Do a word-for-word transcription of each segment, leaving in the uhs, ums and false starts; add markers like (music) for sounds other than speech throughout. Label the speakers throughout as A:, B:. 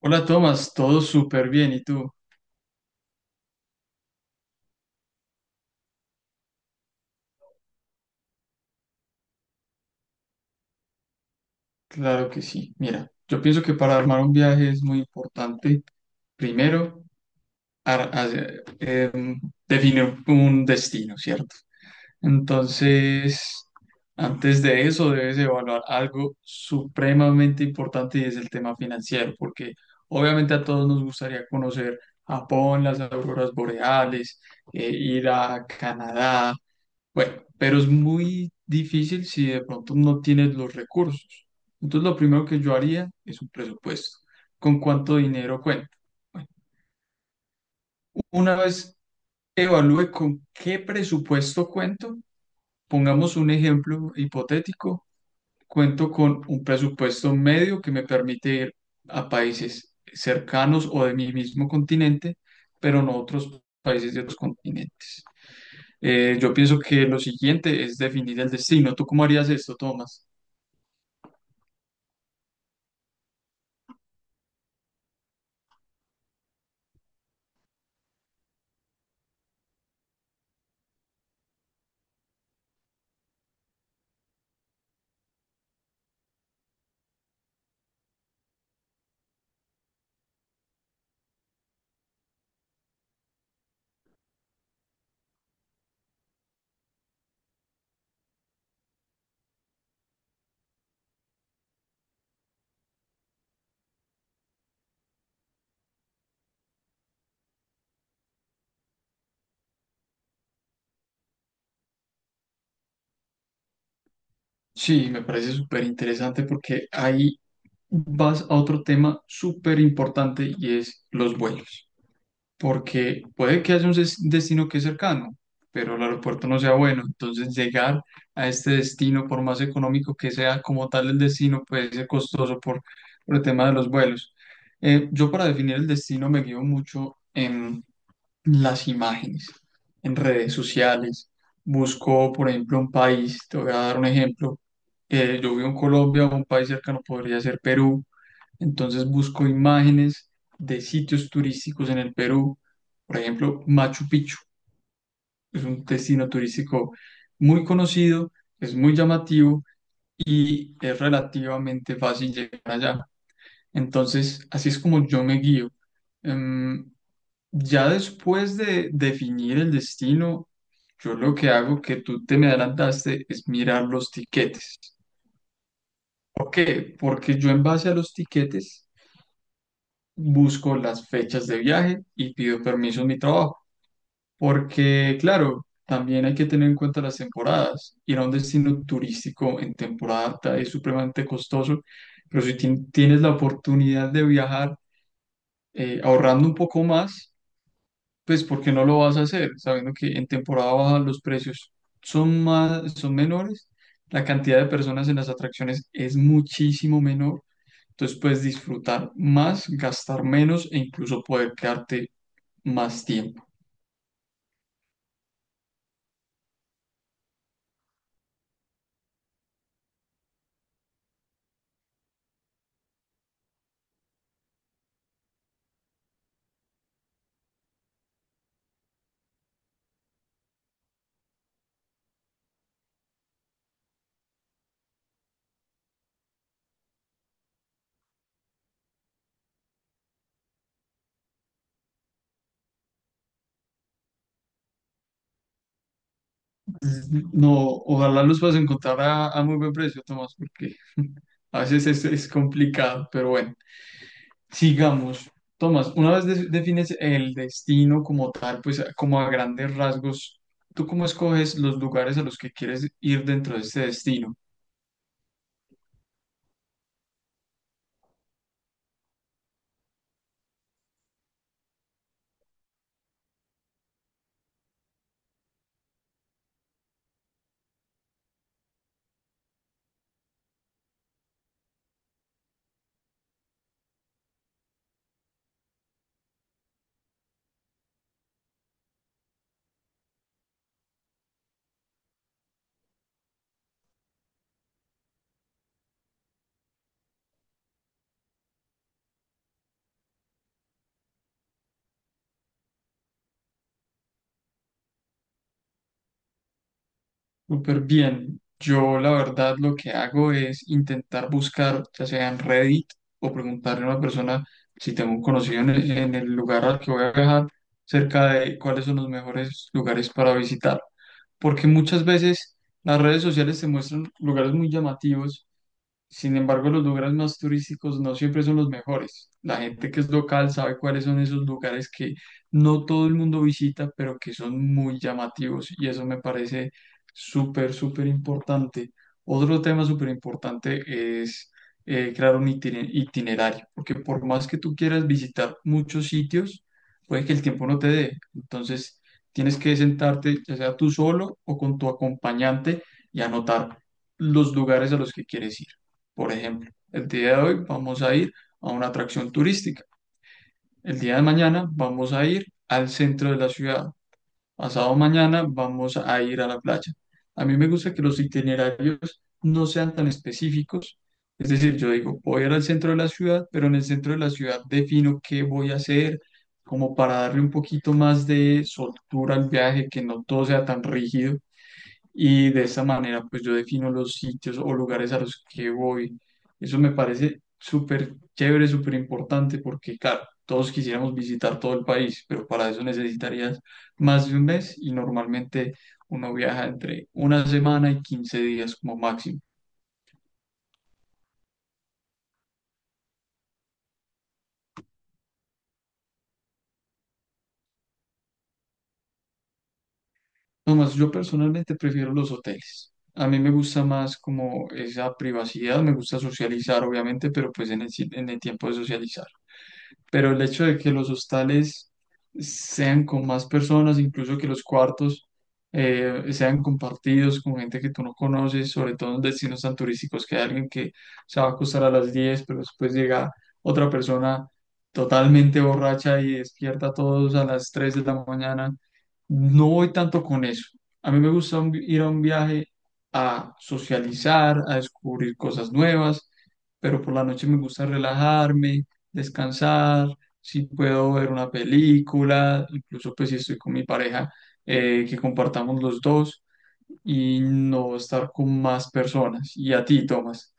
A: Hola Tomás, todo súper bien. ¿Y tú? Claro que sí. Mira, yo pienso que para armar un viaje es muy importante, primero, ar- hacer- eh, definir un destino, ¿cierto? Entonces, antes de eso debes evaluar algo supremamente importante y es el tema financiero, porque obviamente a todos nos gustaría conocer Japón, las auroras boreales, eh, ir a Canadá. Bueno, pero es muy difícil si de pronto no tienes los recursos. Entonces, lo primero que yo haría es un presupuesto. ¿Con cuánto dinero cuento? Bueno, una vez evalúe con qué presupuesto cuento, pongamos un ejemplo hipotético, cuento con un presupuesto medio que me permite ir a países cercanos o de mi mismo continente, pero no a otros países de otros continentes. Eh, yo pienso que lo siguiente es definir el destino. ¿Tú cómo harías esto, Tomás? Sí, me parece súper interesante porque ahí vas a otro tema súper importante y es los vuelos. Porque puede que haya un des- destino que es cercano, pero el aeropuerto no sea bueno. Entonces llegar a este destino, por más económico que sea como tal el destino, puede ser costoso por, por el tema de los vuelos. Eh, yo para definir el destino me guío mucho las imágenes en redes sociales. Busco, por ejemplo, un país, te voy a dar un ejemplo. Eh, yo vivo en Colombia. Un país cercano podría ser Perú. Entonces busco imágenes de sitios turísticos en el Perú. Por ejemplo, Machu Picchu es un destino turístico muy conocido, es muy llamativo y es relativamente fácil llegar allá. Entonces, así es como yo me guío. Em, ya después de definir el destino, yo lo que hago, que tú te me adelantaste, es mirar los tiquetes. ¿Por qué? Porque yo en base a los tiquetes busco las fechas de viaje y pido permiso en mi trabajo. Porque, claro, también hay que tener en cuenta las temporadas. Ir a un destino turístico en temporada alta es supremamente costoso, pero si tien- tienes la oportunidad de viajar eh, ahorrando un poco más, pues ¿por qué no lo vas a hacer? Sabiendo que en temporada baja los precios son más, son menores, la cantidad de personas en las atracciones es muchísimo menor, entonces puedes disfrutar más, gastar menos e incluso poder quedarte más tiempo. No, ojalá los puedas encontrar a, a muy buen precio, Tomás, porque (laughs) a veces es, es complicado, pero bueno. Sigamos. Tomás, una vez de- defines el destino como tal, pues como a grandes rasgos, ¿tú cómo escoges los lugares a los que quieres ir dentro de este destino? Súper bien. Yo la verdad lo que hago es intentar buscar, ya sea en Reddit, o preguntarle a una persona si tengo un conocido en el, en el lugar al que voy a viajar, cerca de cuáles son los mejores lugares para visitar. Porque muchas veces las redes sociales te muestran lugares muy llamativos. Sin embargo, los lugares más turísticos no siempre son los mejores. La gente que es local sabe cuáles son esos lugares que no todo el mundo visita, pero que son muy llamativos, y eso me parece súper, súper importante. Otro tema súper importante es eh, crear un itine- itinerario, porque por más que tú quieras visitar muchos sitios, puede que el tiempo no te dé. Entonces, tienes que sentarte, ya sea tú solo o con tu acompañante, y anotar los lugares a los que quieres ir. Por ejemplo, el día de hoy vamos a ir a una atracción turística. El día de mañana vamos a ir al centro de la ciudad. Pasado mañana vamos a ir a la playa. A mí me gusta que los itinerarios no sean tan específicos. Es decir, yo digo, voy a ir al centro de la ciudad, pero en el centro de la ciudad defino qué voy a hacer, como para darle un poquito más de soltura al viaje, que no todo sea tan rígido. Y de esta manera, pues yo defino los sitios o lugares a los que voy. Eso me parece súper chévere, súper importante, porque, claro, todos quisiéramos visitar todo el país, pero para eso necesitarías más de un mes, y normalmente uno viaja entre una semana y quince días como máximo. Nomás, yo personalmente prefiero los hoteles. A mí me gusta más como esa privacidad, me gusta socializar, obviamente, pero pues en el, si- en el tiempo de socializar, pero el hecho de que los hostales sean con más personas, incluso que los cuartos eh, sean compartidos con gente que tú no conoces, sobre todo en destinos tan turísticos, que hay alguien que se va a acostar a las diez, pero después llega otra persona totalmente borracha y despierta a todos a las tres de la mañana. No voy tanto con eso. A mí me gusta un- ir a un viaje a socializar, a descubrir cosas nuevas, pero por la noche me gusta relajarme, descansar, si puedo ver una película, incluso pues si estoy con mi pareja, eh, que compartamos los dos y no estar con más personas. Y a ti, Tomás.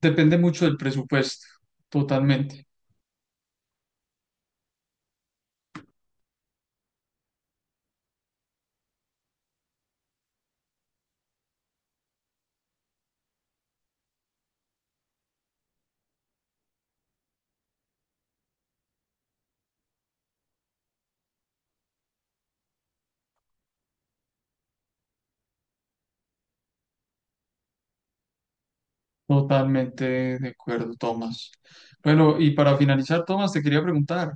A: Depende mucho del presupuesto, totalmente. Totalmente de acuerdo, Tomás. Bueno, y para finalizar, Tomás, te quería preguntar,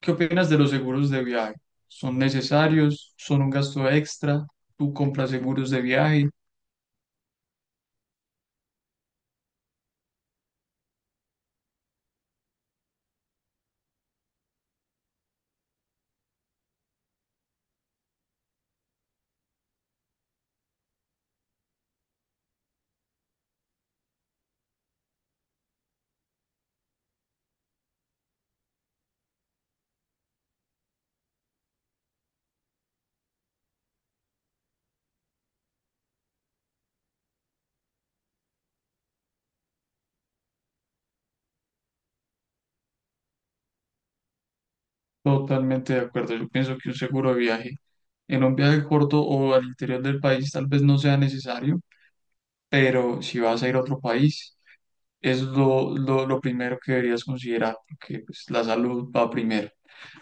A: ¿qué opinas de los seguros de viaje? ¿Son necesarios? ¿Son un gasto extra? ¿Tú compras seguros de viaje? Totalmente de acuerdo. Yo pienso que un seguro de viaje, en un viaje corto o al interior del país tal vez no sea necesario, pero si vas a ir a otro país, es lo, lo, lo primero que deberías considerar, porque pues, la salud va primero.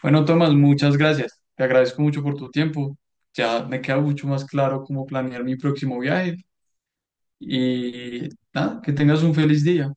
A: Bueno, Tomás, muchas gracias. Te agradezco mucho por tu tiempo. Ya me queda mucho más claro cómo planear mi próximo viaje y nada, que tengas un feliz día.